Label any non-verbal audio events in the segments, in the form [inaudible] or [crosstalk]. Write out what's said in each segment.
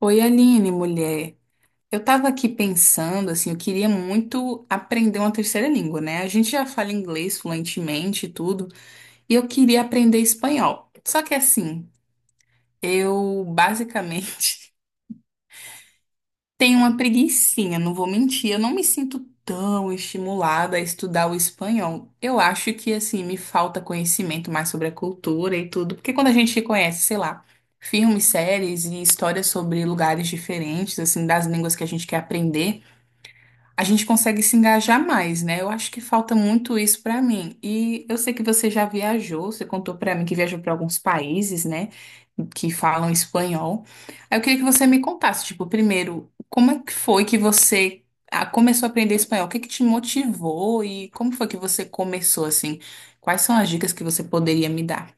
Oi, Aline, mulher. Eu tava aqui pensando, assim, eu queria muito aprender uma terceira língua, né? A gente já fala inglês fluentemente e tudo, e eu queria aprender espanhol. Só que assim, eu basicamente [laughs] tenho uma preguicinha, não vou mentir, eu não me sinto tão estimulada a estudar o espanhol. Eu acho que, assim, me falta conhecimento mais sobre a cultura e tudo, porque quando a gente conhece, sei lá, filmes, séries e histórias sobre lugares diferentes, assim, das línguas que a gente quer aprender. A gente consegue se engajar mais, né? Eu acho que falta muito isso pra mim. E eu sei que você já viajou, você contou pra mim que viajou pra alguns países, né, que falam espanhol. Aí eu queria que você me contasse, tipo, primeiro, como é que foi que você começou a aprender espanhol? O que que te motivou e como foi que você começou assim? Quais são as dicas que você poderia me dar?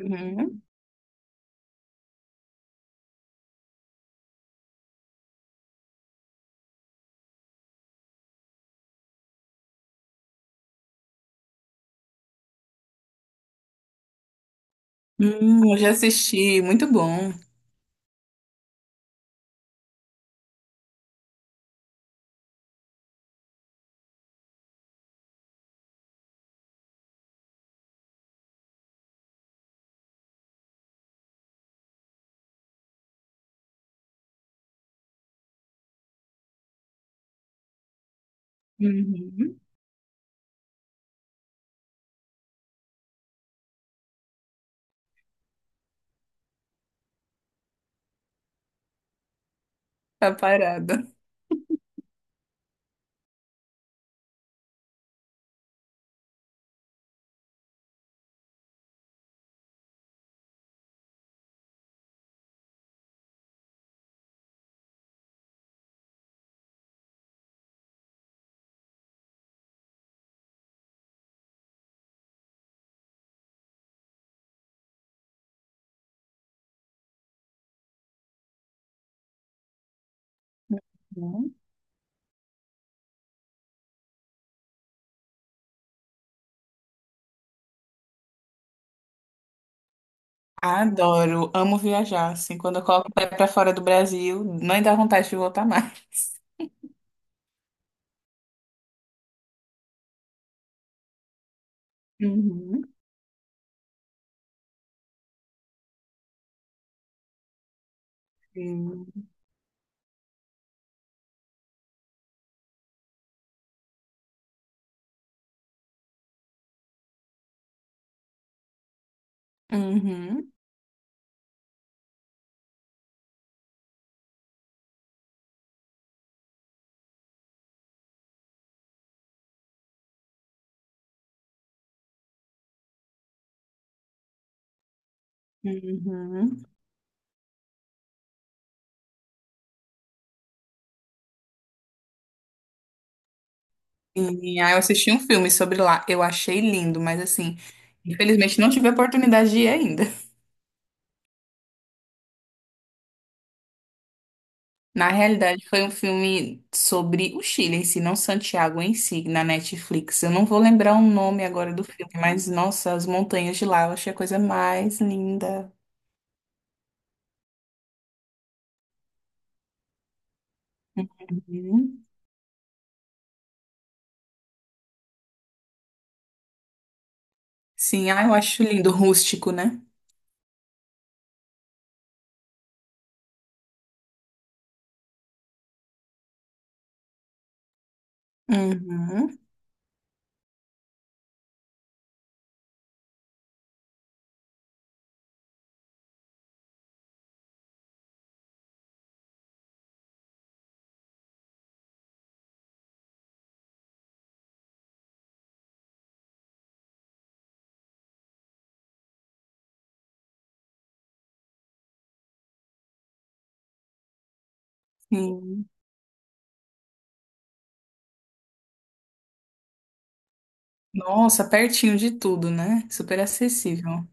Uhum. Eu já assisti, muito bom. Uhum. Tá parada. Adoro, amo viajar. Assim, quando eu coloco o pé pra fora do Brasil, não dá vontade de voltar mais. Uhum. Sim. Uhum, uhum. E aí eu assisti um filme sobre lá. Eu achei lindo, mas assim, infelizmente não tive a oportunidade de ir ainda. Na realidade, foi um filme sobre o Chile em si, não Santiago em si, na Netflix. Eu não vou lembrar o nome agora do filme, mas nossa, as montanhas de lá, eu achei a coisa mais linda. Uhum. Sim, ah, eu acho lindo, rústico, né? Uhum, sim. Nossa, pertinho de tudo, né? Super acessível.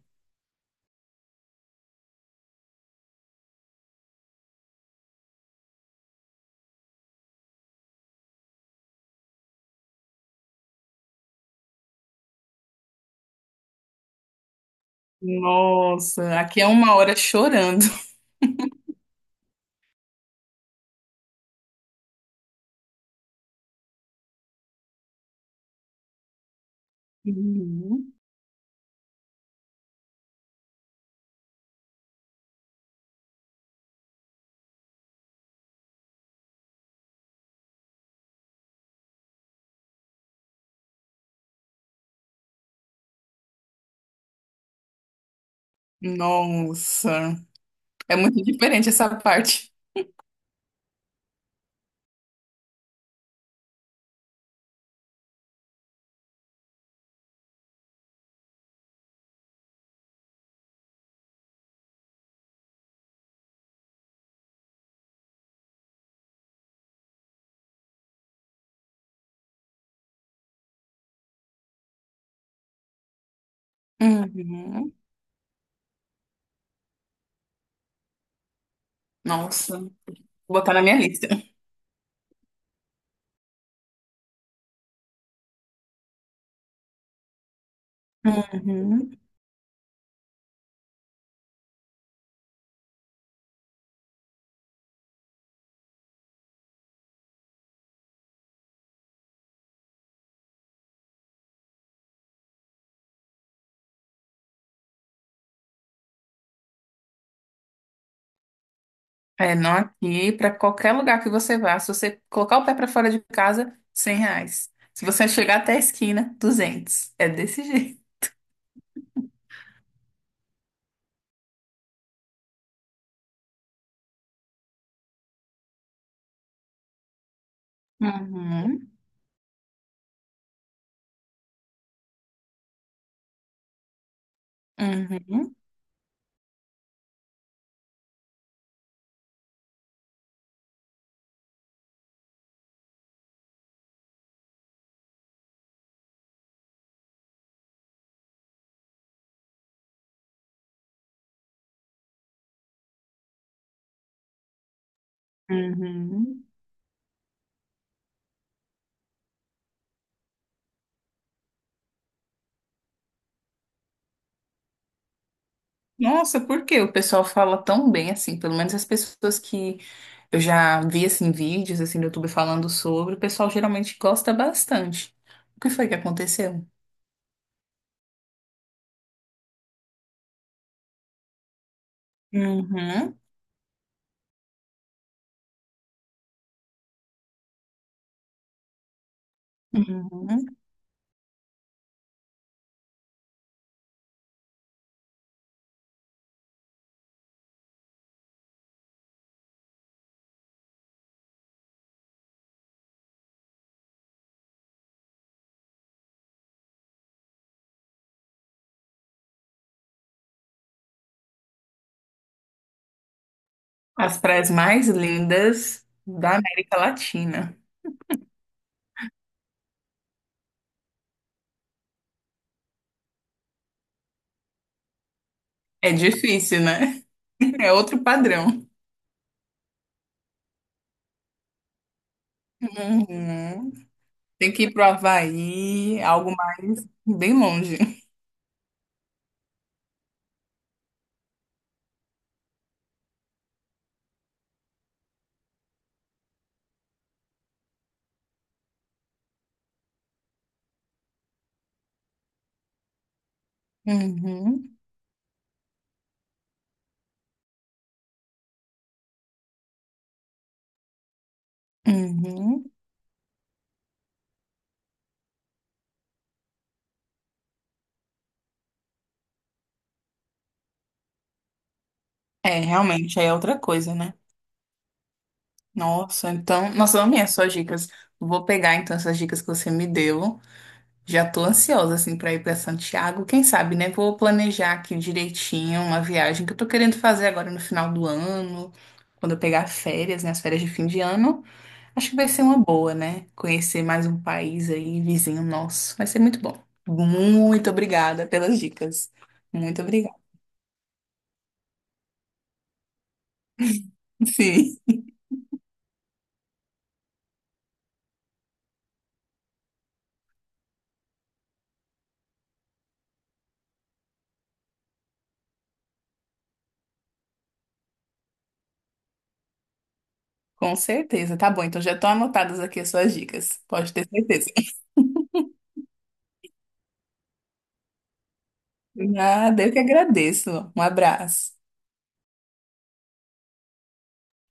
Nossa, aqui é uma hora chorando. Uhum. Nossa, é muito diferente essa parte. Uhum. Nossa, vou botar na minha lista. Uhum. É, não aqui, para qualquer lugar que você vá, se você colocar o pé para fora de casa, R$ 100. Se você chegar até a esquina, 200. É desse jeito. Uhum. Uhum. Uhum. Nossa, por que o pessoal fala tão bem assim? Pelo menos as pessoas que eu já vi assim vídeos assim no YouTube falando sobre, o pessoal geralmente gosta bastante. O que foi que aconteceu? Uhum, uhum. As praias mais lindas da América Latina. É difícil, né? [laughs] É outro padrão. Uhum. Tem que ir pro Havaí, algo mais bem longe. Uhum, uhum. É, realmente, aí é outra coisa, né? Nossa, então, nossa, eu amei as suas dicas. Vou pegar então essas dicas que você me deu. Já tô ansiosa assim para ir para Santiago. Quem sabe, né? Vou planejar aqui direitinho uma viagem que eu tô querendo fazer agora no final do ano, quando eu pegar férias, né? As férias de fim de ano. Acho que vai ser uma boa, né? Conhecer mais um país aí, vizinho nosso. Vai ser muito bom. Muito obrigada pelas dicas. Muito obrigada. [laughs] Sim, com certeza. Tá bom, então já estão anotadas aqui as suas dicas. Pode ter certeza. Nada, eu que agradeço. Um abraço.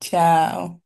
Tchau.